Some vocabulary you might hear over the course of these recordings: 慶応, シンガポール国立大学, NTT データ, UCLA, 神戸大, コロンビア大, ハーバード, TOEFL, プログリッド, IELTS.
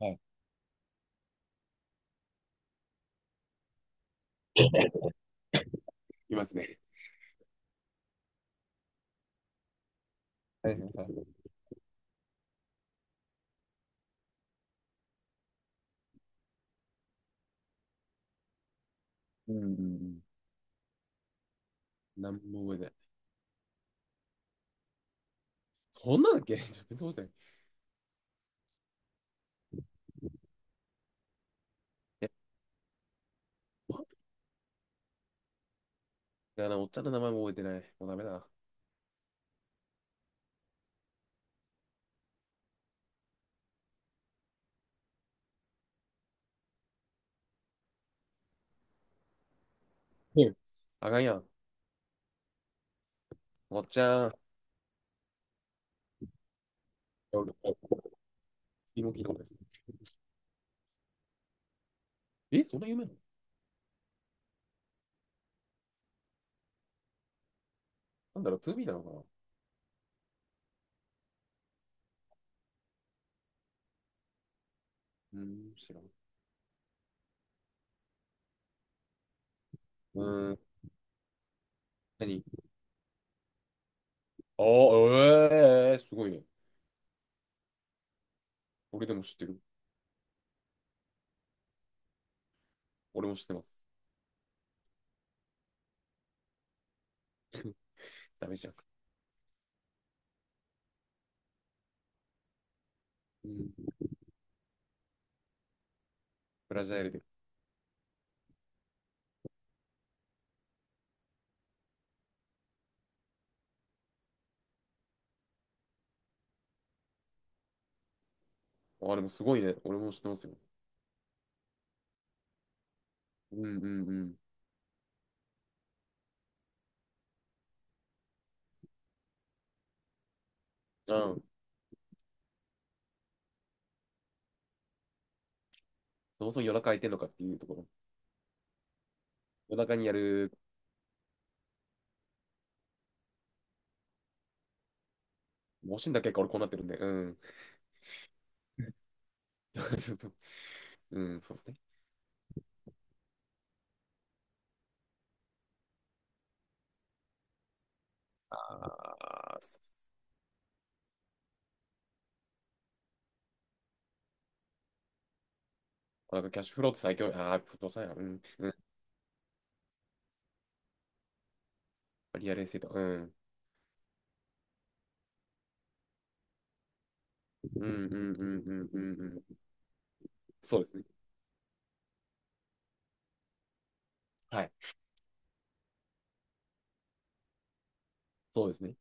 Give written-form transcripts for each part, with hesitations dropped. はい、いますね。はいはいはい。うんうんうん。何も覚えてない。そんなんだっけ ちょっと全然覚えてない。え、いやな、おっちゃんの名前も覚えてない。もうダメだな。うん、あかんやん。おっちゃん。次も聞いたことないですね。え、そんな有名なの？なんだろう、2B なのかなー知らん。うーん、何？ああ、ええー、すごいね。俺でも知ってる。俺も知ってます。ダメじゃん。うん、ブラジャールで。ああ、でもすごいね。俺も知ってますよ。うんうんうん。うん。そもそも夜中空いてんのかっていうところ。夜中にやる、もしんだ結果俺こうなってるんで、うん。そうそう。うん、そうですね。ああ、そうっす。なんかキャッシュフローって最強、ああ、不動産や、うん、うん、リアルエステート、うん、うん、うん、うん、うん、うん、うん、そうですね。はい、そうですね。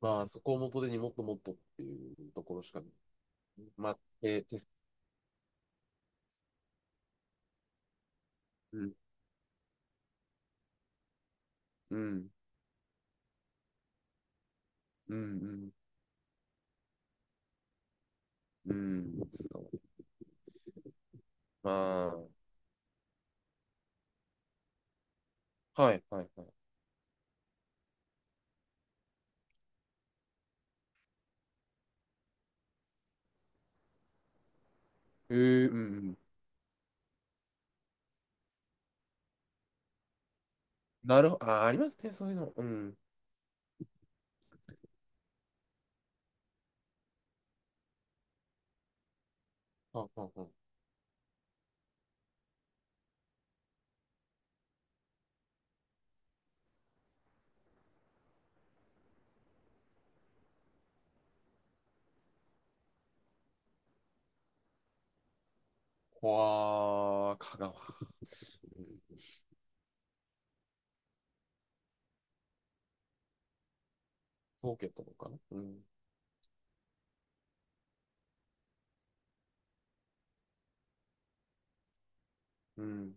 まあ、そこを元手にもっともっとっていうところしか、まあ、テスト、うん、うん、うん、うん、うん、そう、まあ、はい、はい、はい。えうん、うん、なるほど、あー、ありますね、そういうの。うん。ああああ、わあ、香川。うん、そうとかな。うん。うん。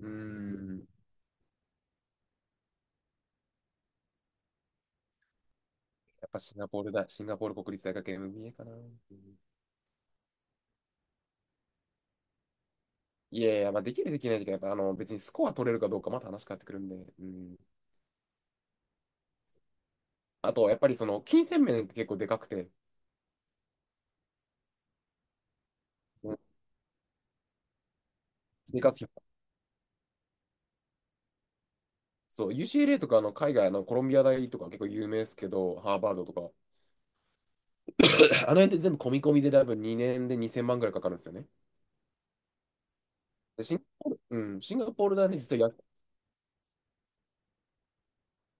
うん。やっぱシンガポールだ。シンガポール国立大学 MBA かな。うん、いやいや、まあ、できるできないとか、やっぱあの別にスコア取れるかどうかまた話変わってくるんで。うん。あと、やっぱりその金銭面って結構でかくて、うん、生活費。そう、UCLA とかあの海外のコロンビア大とか結構有名ですけど、ハーバードとか。あの辺って全部込み込みで多分2年で2000万ぐらいかかるんですよね。でシンガポール、うん、シンガポール大ね、実は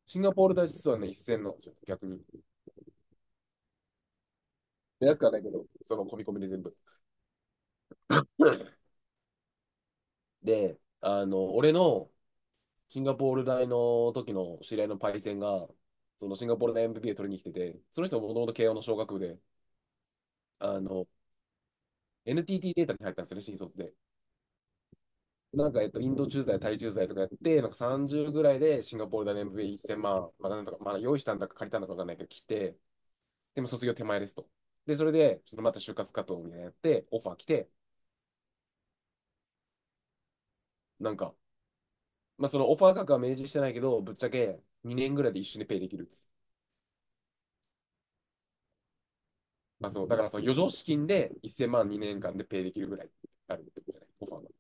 シンガポール大使はね、一線なんですよ、逆に。で安くはないけど、その込み込みで全部。で、あの、俺のシンガポール大の時の知り合いのパイセンが、そのシンガポール大 m p で取りに来てて、その人ももともと慶応の小学部で、あの、NTT データに入ったんですよね、新卒で。なんか、インド駐在、タイ駐在とかやって、なんか30ぐらいでシンガポール大の m v p 一0万、まあ、なんとか、まあ、用意したんだか借りたんだかわかんないけど、来て、でも卒業手前ですと。で、それで、また就活活動みたいなやって、オファー来て、なんか、まあ、そのオファー価格は明示してないけど、ぶっちゃけ2年ぐらいで一緒にペイできる。まあ、そうだからその余剰資金で1000万2年間でペイできるぐらいあるってことじゃない、オファーが。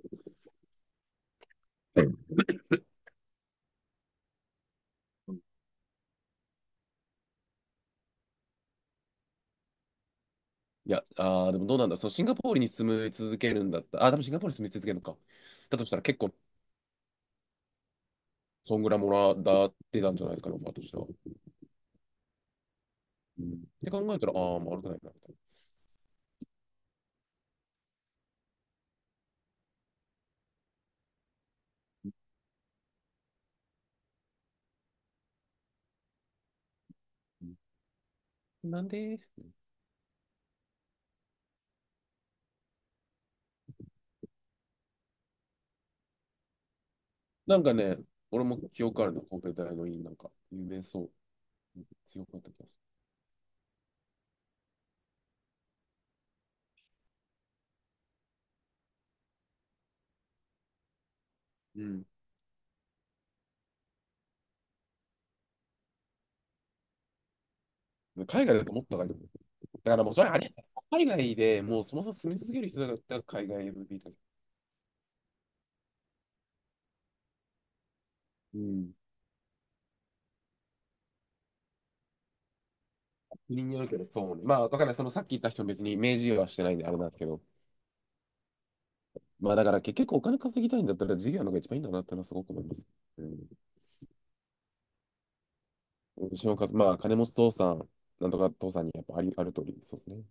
いや、あーでもどうなんだ、そのシンガポールに住み続けるんだったらあー、多分シンガポールに住み続けるのか。だとしたら結構、そんぐらいもらってたんじゃないですかね、オファーとしては。うんって考えたら、ああ、まあ悪くないな、みたいな。なんで？なんかね、俺も記憶あるな、神戸大の院なんか、有名そう、強かった気がする。うん。海外だともっと高いと思。だからもうそれあれ、海外でもうそもそも住み続ける人だったら海外の v ーだけど。うん。国によるけど、そうね。まあ、わからない。そのさっき言った人も別に明示はしてないんであれなんですけど。まあ、だから結局お金稼ぎたいんだったら事業の方が一番いいんだなってのはすごく思います。うん。うちのか、まあ、金持ち父さん、なんとか父さんにやっぱあり、ある通り、そうですね。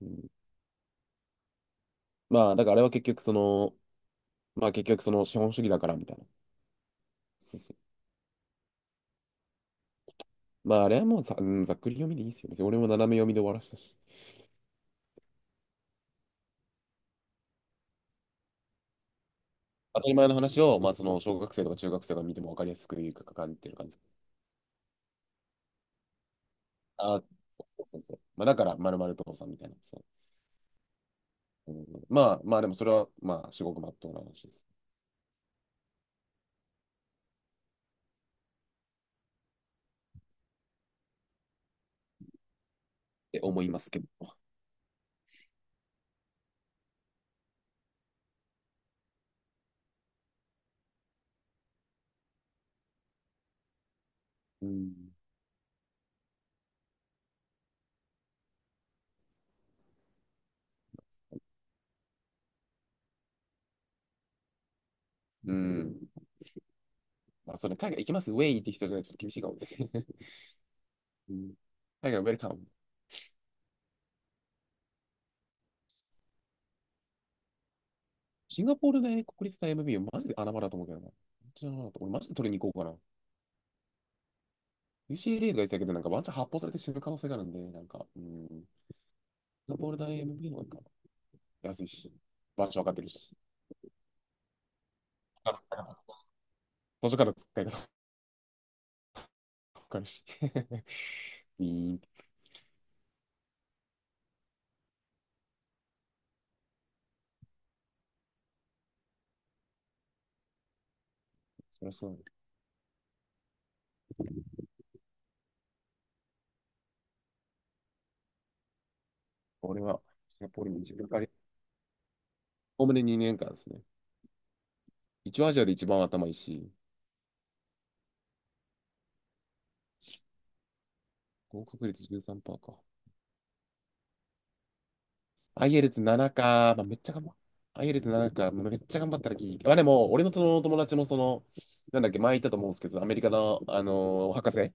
うん。まあ、だからあれは結局その、まあ結局その資本主義だからみたいな。そうそう。まあ、あれはもうざ、うん、ざっくり読みでいいですよ。別に俺も斜め読みで終わらしたし。当たり前の話を、まあ、その小学生とか中学生が見ても分かりやすく言うかれてる感じ。あ、そうそうそう。まあ、だから、まるまる父さんみたいな。そう。うん、まあ、まあ、でもそれは、まあ、至極まっとうな話ですって思いますけど。うん。うん。まあ、それ、海外行きますウェイって人じゃないとちょっと厳しいかもね。うん、海外ウェルカム。シンガポールで国立大 MBA、マジで穴場だと思うけどな。本当に穴場だと俺、マジで取りに行こうかな。UCLA とか言ってたけど、なんかワンチャン発砲されて死ぬ可能性があるんで、なんか、うん。シンガポール大 MBA の方がいいかな、安いし、場所分かってるし。から、途中から使い方わかるし。ビーンって。そりゃそうだね。俺は、シンガポールに自分からおおむね2年間ですね。一応アジアで一番頭いいし、合格率13%か。IELTS7 か、まあ、めっちゃ頑張っ IELTS7 か、まあめっちゃ頑張ったらいい。まあでも、俺のその友達もその、なんだっけ、前言ったと思うんですけど、アメリカの、あのー博士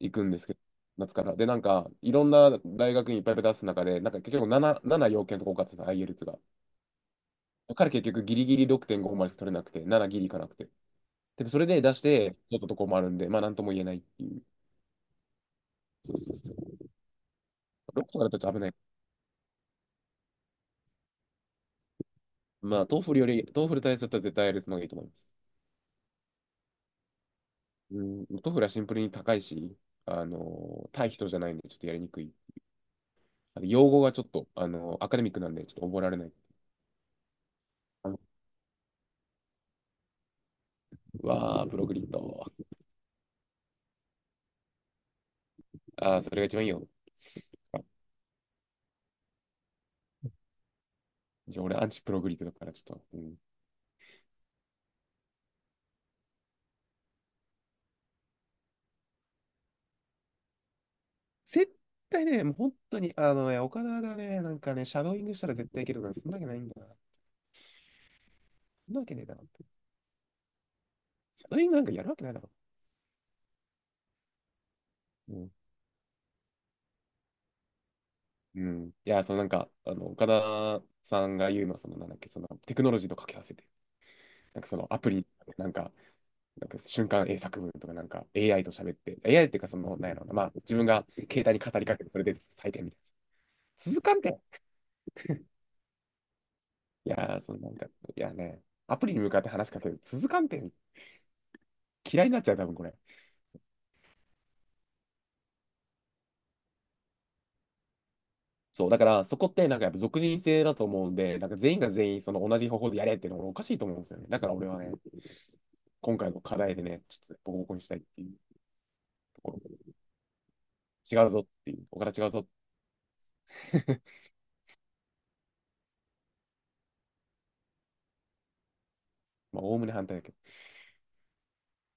行くんですけど、夏から。で、なんか、いろんな大学にいっぱいいっぱい出す中で、なんか結局7要件とか多かったです、IELTS が。だから結局ギリギリ6.5までしか取れなくて、7ギリいかなくて。で、もそれで出して、取ったとこもあるんで、まあなんとも言えないっていう。そうそうそう。6とかだったらちょっと危ない。まあ、トーフルより、トーフル対策だったら絶対やるのがいいと思います。うん、トーフルはシンプルに高いし、あの、対人じゃないんで、ちょっとやりにくい。あの用語がちょっと、あの、アカデミックなんで、ちょっと覚えられない。あの、うわー、プログリッド。あー、それが一番いいよ。あ、じゃあ俺、アンチプログリッドだから、ちょっと。うん、絶対ね、もう本当に、あのね、岡田がね、なんかね、シャドーイングしたら絶対いけるから、そんなわけないんだな。そんなわけねえだろって。シャドーイングなんかやるわけないだろ。うん。うん、いや、そのなんか、あの、岡田さんが言うのは、その、なんだっけ、その、テクノロジーと掛け合わせて、なんかその、アプリ、なんか、なんか瞬間英作文とか、なんか AI と喋って、AI っていうか、その、なんやろうな、まあ、自分が携帯に語りかけて、それで採点みたいな。続かんて。いやー、そのなんか、いやね、アプリに向かって話しかける、続かんて。嫌いになっちゃう、多分これ。そう、だからそこってなんかやっぱ属人性だと思うんで、なんか全員が全員その同じ方法でやれっていうのがおかしいと思うんですよね。だから俺はね、今回の課題でね、ちょっとねボコボコにしたいっていうところ、違うぞっていう、おから違うぞって、まあ、おおむね反対だけど。